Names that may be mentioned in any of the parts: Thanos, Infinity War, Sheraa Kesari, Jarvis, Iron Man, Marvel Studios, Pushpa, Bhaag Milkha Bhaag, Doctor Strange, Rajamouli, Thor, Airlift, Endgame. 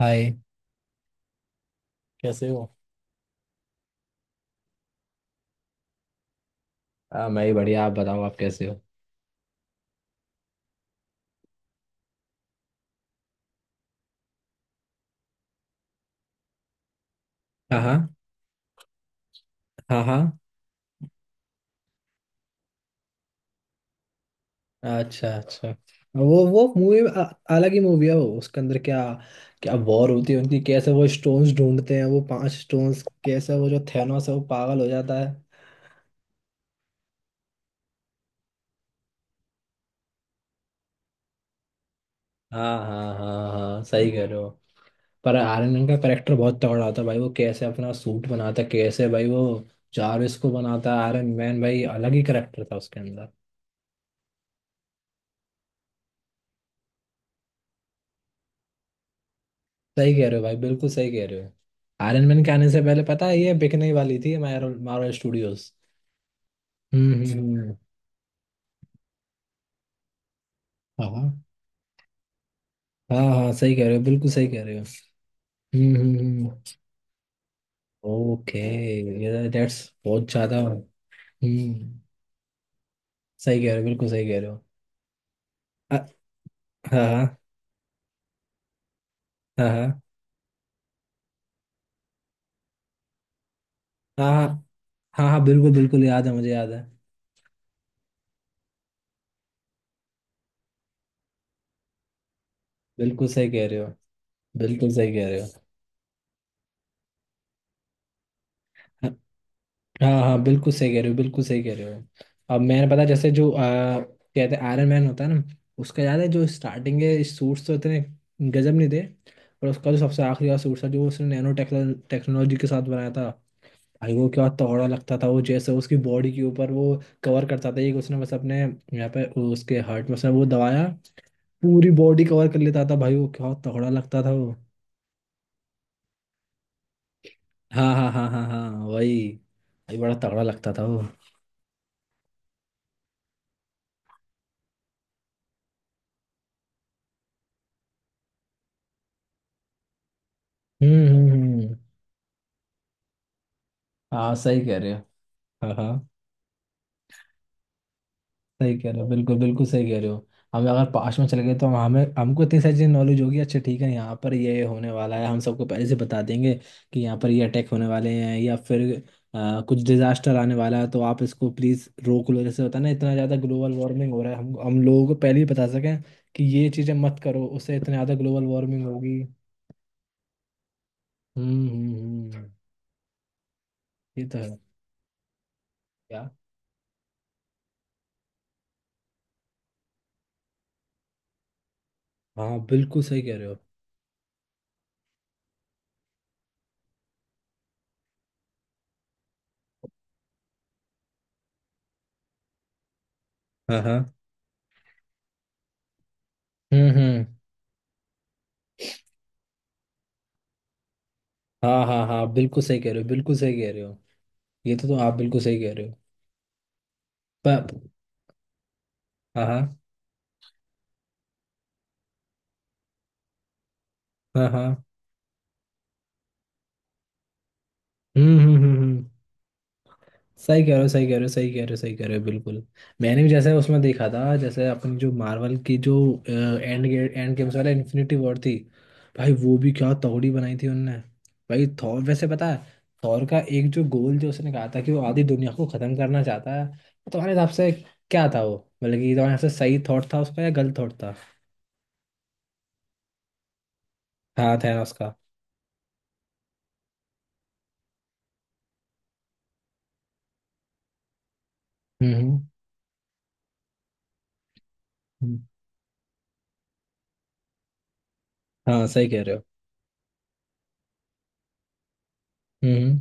हाय। कैसे हो? हाँ मैं ही बढ़िया, आप बताओ, आप कैसे हो? हाँ हाँ। हाँ हाँ। अच्छा अच्छा। वो मूवी अलग ही मूवी है वो। उसके अंदर क्या क्या वॉर होती है उनकी, कैसे वो स्टोन्स ढूंढते हैं वो पांच स्टोन्स, कैसे वो जो थैनोस है वो पागल हो जाता है। हाँ हाँ हाँ हाँ, सही कह रहे हो। पर आर्यन मैन का करेक्टर बहुत तगड़ा होता है भाई। वो कैसे अपना सूट बनाता है, कैसे भाई वो जारविस को बनाता है आयरन मैन, भाई अलग ही करेक्टर था उसके अंदर। सही कह रहे हो भाई, बिल्कुल सही कह रहे हो। आयरन मैन के आने से पहले पता है ये बिकने ही वाली थी मार्वल स्टूडियोज। हम्म। हाँ हाँ हाँ, सही कह रहे हो, बिल्कुल सही कह रहे हो। हम्म। ओके। ये दैट्स बहुत ज्यादा। हम्म। सही कह रहे हो, बिल्कुल सही कह रहे हो। अ- हाँ हाँ हाँ। हाँ हाँ हाँ हाँ, बिल्कुल बिल्कुल याद है, मुझे याद है। बिल्कुल सही कह रहे हो, बिल्कुल सही कह रहे हो। हाँ हाँ, बिल्कुल सही कह रहे हो, बिल्कुल सही कह रहे हो। अब मैंने पता, जैसे जो कहते हैं आयरन मैन होता है ना, उसका याद है जो स्टार्टिंग के सूट्स तो इतने गजब नहीं थे, पर उसका जो सबसे आखिरी वाला सूट था जो उसने नैनो टेक्नोलॉजी के साथ बनाया था, भाई वो क्या तगड़ा लगता था वो। जैसे उसकी बॉडी के ऊपर वो कवर करता था, एक उसने बस अपने यहाँ पे उसके हार्ट में उसने वो दबाया, पूरी बॉडी कवर कर लेता था भाई। वो क्या तगड़ा लगता था वो। हाँ हाँ हाँ हाँ हाँ, वही। भाई बड़ा तगड़ा लगता था वो। हम्म। हाँ सही कह रहे हो। हाँ हाँ, सही कह रहे हो, बिल्कुल बिल्कुल सही कह रहे हो। हम अगर पास्ट में चले गए तो हम हमें हमको इतनी सारी चीज़ नॉलेज होगी, अच्छा ठीक है यहाँ पर ये होने वाला है, हम सबको पहले से बता देंगे कि यहाँ पर ये अटैक होने वाले हैं या फिर कुछ डिजास्टर आने वाला है तो आप इसको प्लीज़ रोक लो। जैसे होता है ना इतना ज़्यादा ग्लोबल वार्मिंग हो रहा है, हम लोगों को पहले ही बता सकें कि ये चीज़ें मत करो, उससे इतना ज़्यादा ग्लोबल वार्मिंग होगी। हम्म हम्म हम्म, हम्म। ये तो है। क्या? हाँ बिल्कुल सही कह रहे हो। हाँ हाँ। हम्म। हाँ हाँ हाँ, बिल्कुल सही कह रहे हो, बिल्कुल सही कह रहे हो। ये तो आप बिल्कुल सही कह रहे हो। पर हाँ हाँ। हाँ हाँ। हम्म हम्म हम्म हम्म। सही कह रहे हो सही कह रहे हो सही कह रहे हो सही कह रहे हो, बिल्कुल। मैंने भी जैसे उसमें देखा था, जैसे अपनी जो मार्वल की जो एंड गेट एंड गेम्स वाला इन्फिनिटी वॉर थी, भाई वो भी क्या तगड़ी बनाई थी उनने। भाई थॉर, वैसे पता है, थॉर का एक जो गोल जो उसने कहा था कि वो आधी दुनिया को खत्म करना चाहता है, तो तुम्हारे हिसाब से क्या था वो? मतलब कि तुम्हारे हिसाब से सही थॉट था उसका या गलत थॉट था? हाँ थैनोस का। हम्म हम्म हम्म। हाँ सही कह रहे हो। हम्म हम्म।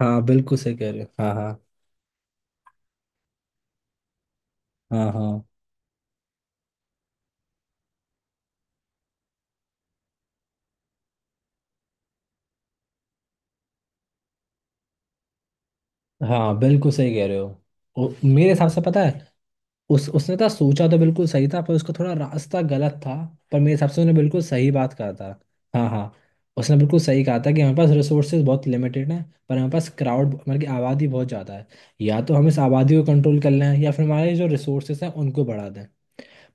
हाँ बिल्कुल सही कह रहे हो, हाँ हाँ हाँ। हाँ हाँ, बिल्कुल सही कह रहे हो। और मेरे हिसाब से पता है, उस उसने था सोचा तो बिल्कुल सही था, पर उसका थोड़ा रास्ता गलत था। पर मेरे हिसाब से उसने बिल्कुल सही बात कहा था। हाँ हाँ। उसने बिल्कुल सही कहा था कि हमारे पास रिसोर्सेज बहुत लिमिटेड हैं, पर हमारे पास क्राउड मतलब कि आबादी बहुत ज़्यादा है। या तो हम इस आबादी को कंट्रोल कर लें या फिर हमारे जो रिसोर्सेज हैं उनको बढ़ा दें।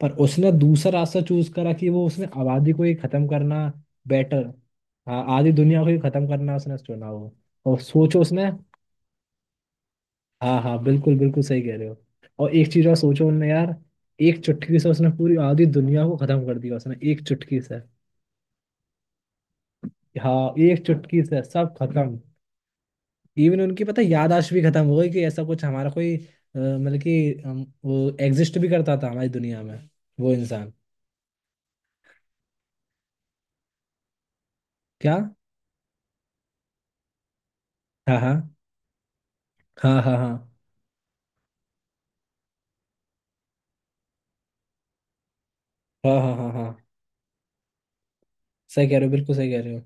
पर उसने दूसरा रास्ता चूज करा, कि वो उसने आबादी को ही खत्म करना बेटर। हाँ, आधी दुनिया को ही खत्म करना उसने चुना वो। और सोचो उसने, हाँ हाँ, बिल्कुल बिल्कुल सही कह रहे हो। और एक चीज और सोचो उनने यार, एक चुटकी से उसने पूरी आधी दुनिया को खत्म कर दिया उसने, एक चुटकी से। हाँ एक चुटकी से सब खत्म। इवन उनकी पता है याददाश्त भी खत्म हो गई कि ऐसा कुछ हमारा कोई मतलब कि हम, वो एग्जिस्ट भी करता था हमारी दुनिया में, वो इंसान। क्या? हाँ हाँ हाँ हाँ हाँ हाँ हाँ हाँ हाँ हाँ, सही कह रहे हो, बिल्कुल सही कह रहे हो।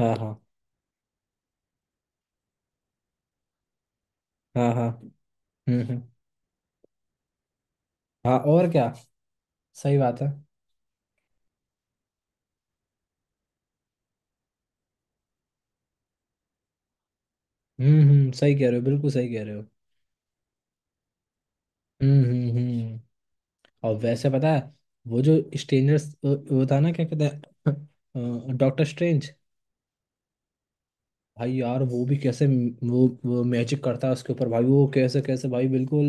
हाँ हाँ हाँ हाँ। हम्म। हाँ और क्या, सही बात है। हम्म। सही कह रहे हो, बिल्कुल सही कह रहे हो। हम्म। और वैसे पता है, वो जो स्ट्रेंजर्स वो था ना, क्या कहते हैं, डॉक्टर स्ट्रेंज। भाई यार वो भी कैसे वो मैजिक करता है उसके ऊपर भाई, वो कैसे कैसे भाई, बिल्कुल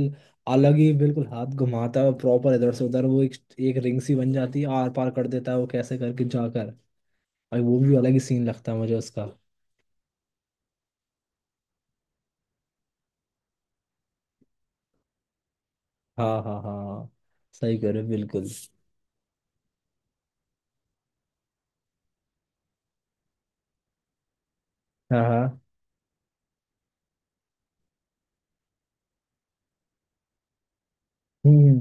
अलग ही, बिल्कुल हाथ घुमाता है प्रॉपर इधर से उधर, वो एक, एक रिंग सी बन जाती है, आर पार कर देता है वो, कैसे करके जाकर। भाई वो भी अलग ही सीन लगता है मुझे उसका। हाँ हाँ हाँ हाँ। सही कह रहे हो, बिल्कुल। हाँ हाँ। हम्म।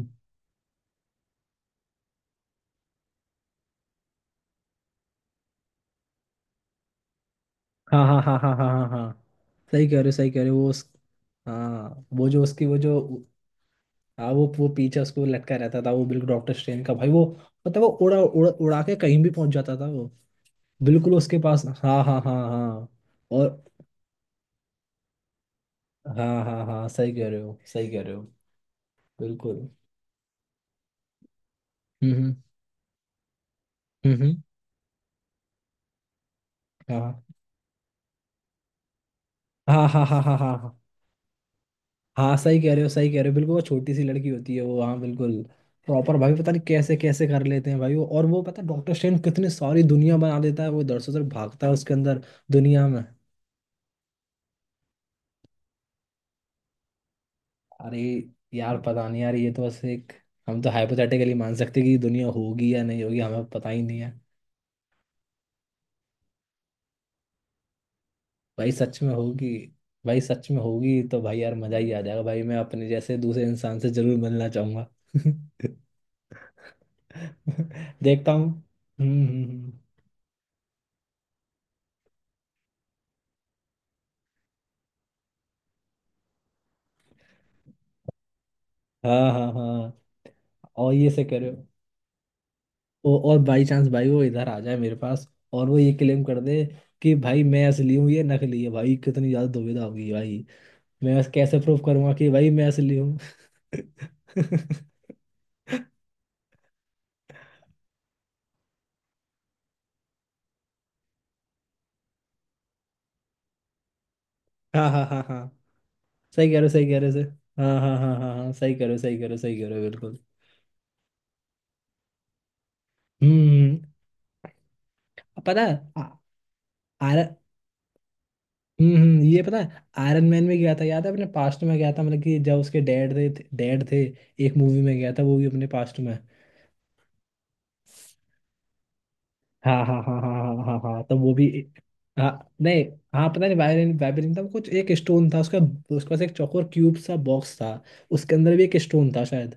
हाँ हाँ हाँ हाँ हाँ हाँ हाँ, सही कह रहे हो सही कह रहे हो वो उस, हाँ वो जो उसकी वो जो, हाँ वो पीछे उसको लटका रहता था वो, बिल्कुल डॉक्टर स्ट्रेन का भाई वो, मतलब वो उड़ा उड़ा उड़ा के कहीं भी पहुंच जाता था वो, बिल्कुल उसके पास। हाँ हाँ हाँ हाँ। और हाँ हाँ हाँ, सही कह रहे हो, सही कह रहे हो, बिल्कुल। हम्म हम्म हम्म, हम्म। हाँ हाँ हाँ हाँ हाँ हाँ हाँ हाँ, सही कह रहे हो सही कह रहे हो, बिल्कुल, वो छोटी सी लड़की होती है वो, हाँ बिल्कुल प्रॉपर, भाई पता नहीं कैसे कैसे कर लेते हैं भाई वो। और वो पता डॉक्टर स्ट्रेंज कितनी सारी दुनिया बना देता है वो, इधर से उधर भागता है उसके अंदर दुनिया में। अरे यार पता नहीं यार, ये तो बस एक, हम तो हाइपोथेटिकली मान सकते हैं कि दुनिया होगी या नहीं होगी हमें पता ही नहीं है। भाई सच में होगी, भाई सच में होगी तो भाई यार मजा ही आ जाएगा। भाई मैं अपने जैसे दूसरे इंसान से जरूर मिलना चाहूंगा। देखता हूँ। हम्म हम्म, हम्म। हाँ हाँ हाँ। और ये से करो, और बाई चांस भाई वो इधर आ जाए मेरे पास, और वो ये क्लेम कर दे कि भाई मैं असली हूँ ये नकली है, भाई कितनी ज्यादा दुविधा होगी भाई। मैं बस कैसे प्रूव करूंगा कि भाई मैं असली हूँ। हाँ हाँ हाँ हाँ, सही कह रहे हो सही कह रहे हो सही। हाँ हाँ हाँ हाँ हाँ, सही कह रहे हो सही कह रहे हो सही कह रहे हो, बिल्कुल। हम्म हम्म। पता है आर, ये पता है आयरन मैन में गया था याद है अपने पास्ट में गया था, मतलब कि जब उसके डैड थे, एक मूवी में गया था वो भी अपने पास्ट में। हाँ हाँ हाँ हाँ हाँ हाँ हाँ हाँ, तो वो भी। हाँ। नहीं। हाँ पता नहीं, वायरिन वायरिन था वो, कुछ एक स्टोन था उसका। उसके पास एक चौकोर क्यूब सा बॉक्स था, उसके अंदर भी एक स्टोन था शायद।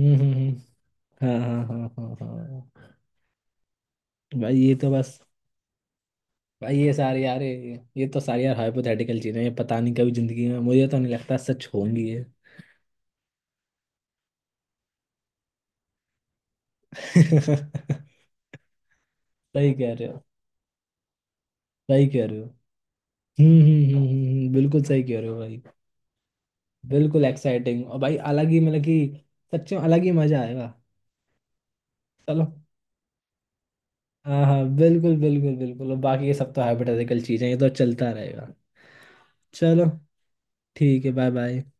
हम्म। हाँ हाँ हाँ हाँ हाँ हाँ। भाई ये तो बस, भाई ये सारी यार ये तो सारी यार हाइपोथेटिकल चीजें हैं, पता नहीं कभी जिंदगी में, मुझे तो नहीं लगता सच होंगी ये। सही कह रहे हो, सही कह रहे हो। बिल्कुल सही कह रहे हो भाई। बिल्कुल एक्साइटिंग, और भाई अलग ही, मतलब कि सच में अलग ही मजा आएगा। चलो। हाँ हाँ बिल्कुल बिल्कुल बिल्कुल, और बाकी ये सब तो हाइपोथेटिकल चीजें हैं, ये तो चलता रहेगा। चलो, ठीक है, बाय बाय।